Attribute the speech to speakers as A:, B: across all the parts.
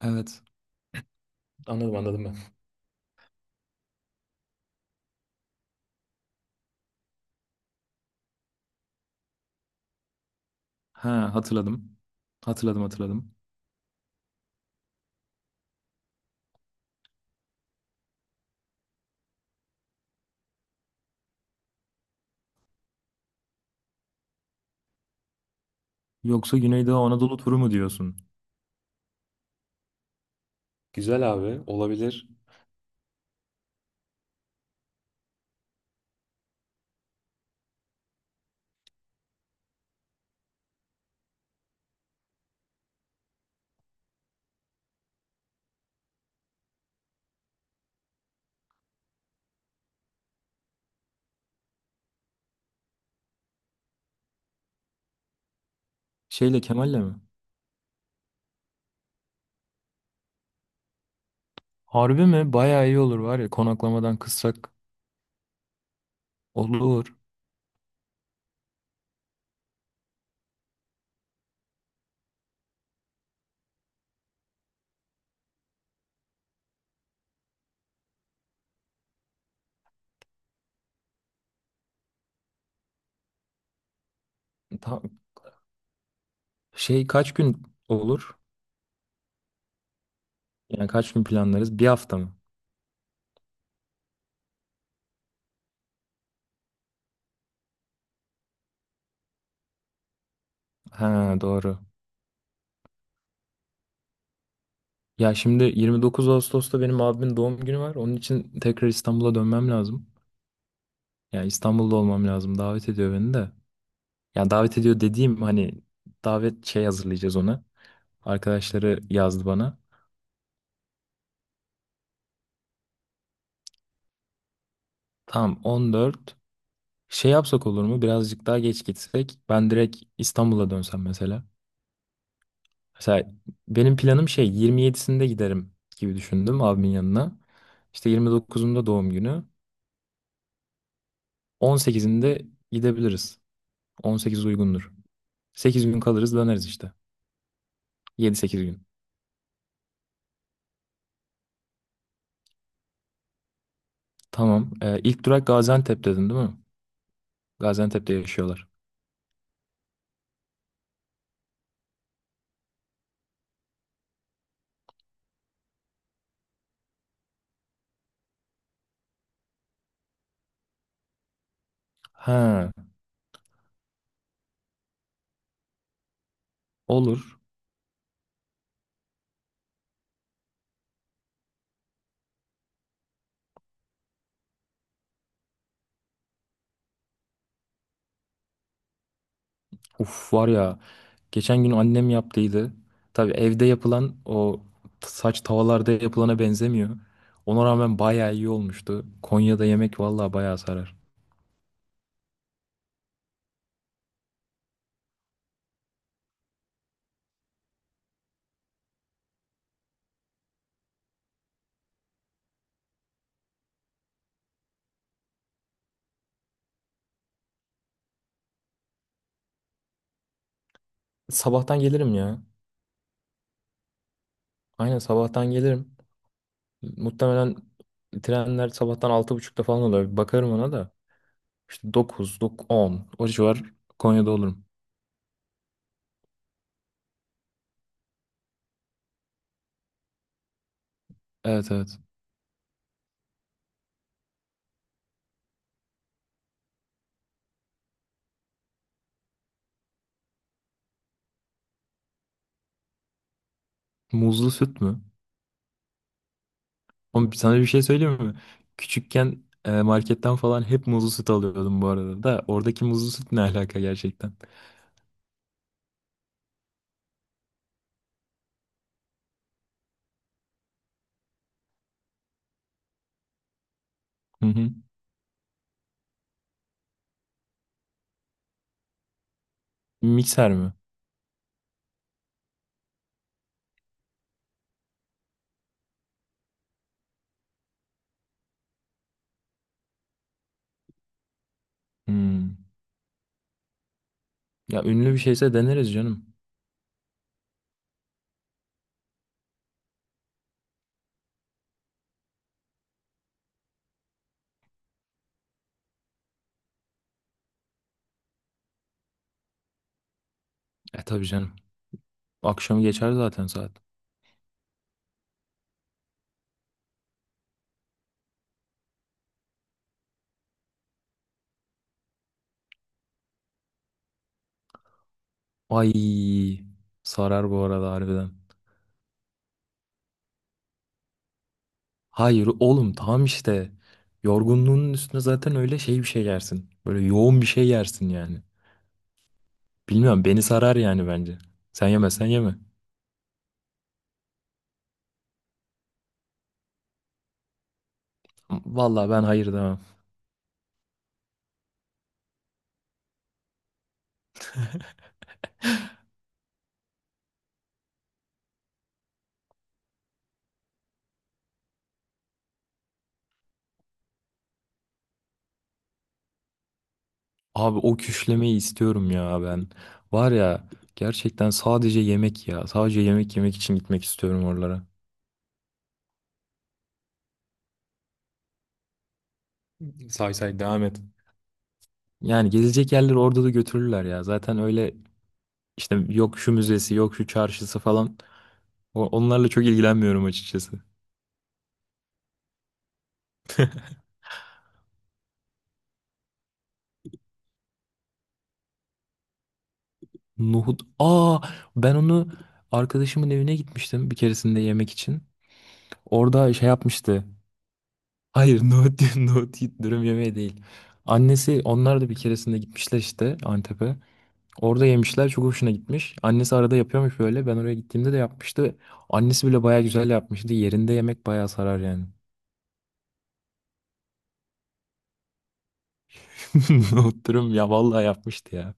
A: Evet. Anladım anladım ben. Ha hatırladım. Hatırladım hatırladım. Yoksa Güneydoğu Anadolu turu mu diyorsun? Güzel abi olabilir. Şeyle Kemal'le mi? Harbi mi? Bayağı iyi olur var ya konaklamadan kıssak olur. Tam, şey kaç gün olur? Yani kaç gün planlarız? Bir hafta mı? Ha, doğru. Ya şimdi 29 Ağustos'ta benim abimin doğum günü var. Onun için tekrar İstanbul'a dönmem lazım. Yani İstanbul'da olmam lazım. Davet ediyor beni de. Yani davet ediyor dediğim hani davet şey hazırlayacağız ona. Arkadaşları yazdı bana. Tamam, 14. Şey yapsak olur mu? Birazcık daha geç gitsek. Ben direkt İstanbul'a dönsem mesela. Mesela benim planım şey 27'sinde giderim gibi düşündüm abimin yanına. İşte 29'unda doğum günü. 18'inde gidebiliriz. 18 uygundur. 8 gün kalırız döneriz işte. 7-8 gün. Tamam. İlk durak Gaziantep dedin değil mi? Gaziantep'te yaşıyorlar. Ha, olur. Uf, var ya geçen gün annem yaptıydı. Tabii evde yapılan o saç tavalarda yapılana benzemiyor. Ona rağmen bayağı iyi olmuştu. Konya'da yemek vallahi bayağı sarar. Sabahtan gelirim ya. Aynen, sabahtan gelirim. Muhtemelen trenler sabahtan 6.30'da falan oluyor. Bir bakarım ona da. İşte dokuz dokuz, on o civar Konya'da olurum. Evet, evet. Muzlu süt mü? Oğlum, sana bir şey söyleyeyim mi? Küçükken marketten falan hep muzlu süt alıyordum bu arada da. Oradaki muzlu süt ne alaka gerçekten? Hı hı. Mikser mi? Hmm. Ya ünlü bir şeyse deneriz canım. E tabii canım. Akşamı geçer zaten saat. Ay, sarar bu arada harbiden. Hayır oğlum, tam işte. Yorgunluğunun üstüne zaten öyle şey bir şey yersin. Böyle yoğun bir şey yersin yani. Bilmiyorum, beni sarar yani bence. Sen yemezsen yeme. Vallahi ben hayır demem. Abi o küşlemeyi istiyorum ya ben. Var ya, gerçekten sadece yemek ya. Sadece yemek yemek için gitmek istiyorum oralara. Say say devam et. Yani gezilecek yerleri orada da götürürler ya. Zaten öyle işte, yok şu müzesi, yok şu çarşısı falan. Onlarla çok ilgilenmiyorum açıkçası. Nohut. Aa, ben onu arkadaşımın evine gitmiştim bir keresinde yemek için. Orada şey yapmıştı. Hayır nohut, nohut dürüm yemeği değil. Annesi, onlar da bir keresinde gitmişler işte Antep'e. Orada yemişler, çok hoşuna gitmiş. Annesi arada yapıyormuş böyle. Ben oraya gittiğimde de yapmıştı. Annesi bile baya güzel yapmıştı. Yerinde yemek baya sarar yani. Oturum ya, vallahi yapmıştı ya.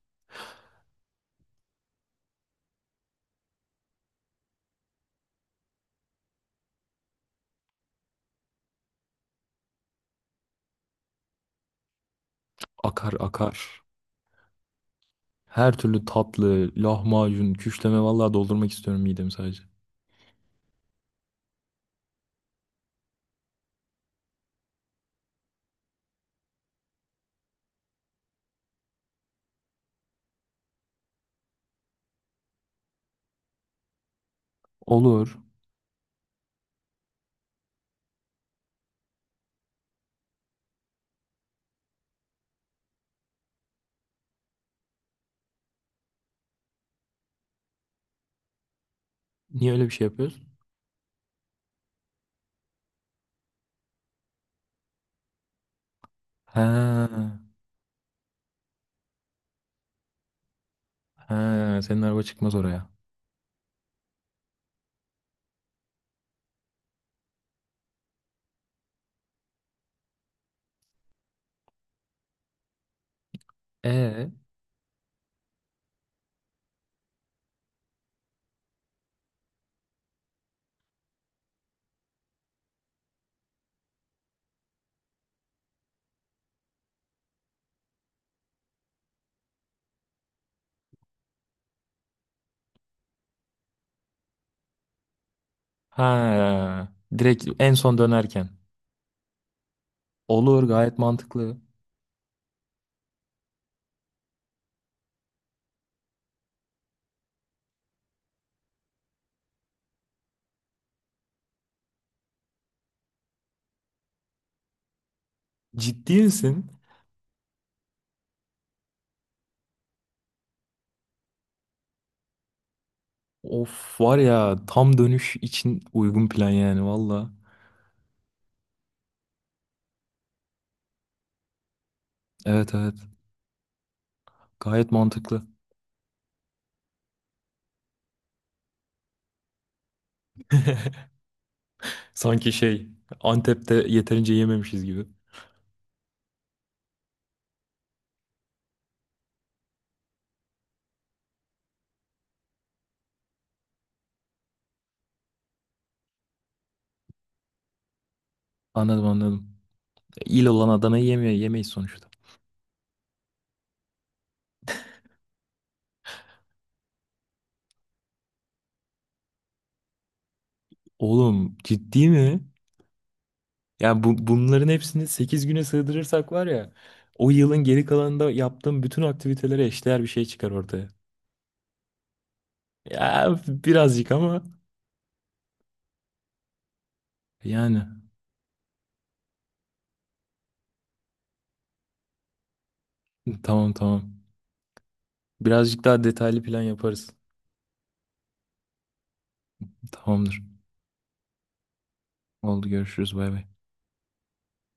A: Akar akar. Her türlü tatlı, lahmacun, küşleme, vallahi doldurmak istiyorum midemi sadece. Olur. Niye öyle bir şey yapıyoruz? He, he, senin araba çıkmaz oraya. E, ha, direkt en son dönerken. Olur, gayet mantıklı. Ciddi misin? Of, var ya tam dönüş için uygun plan yani valla. Evet, evet, gayet mantıklı. Sanki şey Antep'te yeterince yememişiz gibi. Anladım anladım. İl olan Adana'yı yemiyor yemeyiz sonuçta. Oğlum ciddi mi? Ya bunların hepsini 8 güne sığdırırsak var ya o yılın geri kalanında yaptığım bütün aktivitelere eşdeğer bir şey çıkar ortaya. Ya birazcık ama yani. Tamam, tamam. Birazcık daha detaylı plan yaparız. Tamamdır. Oldu, görüşürüz, bay bay.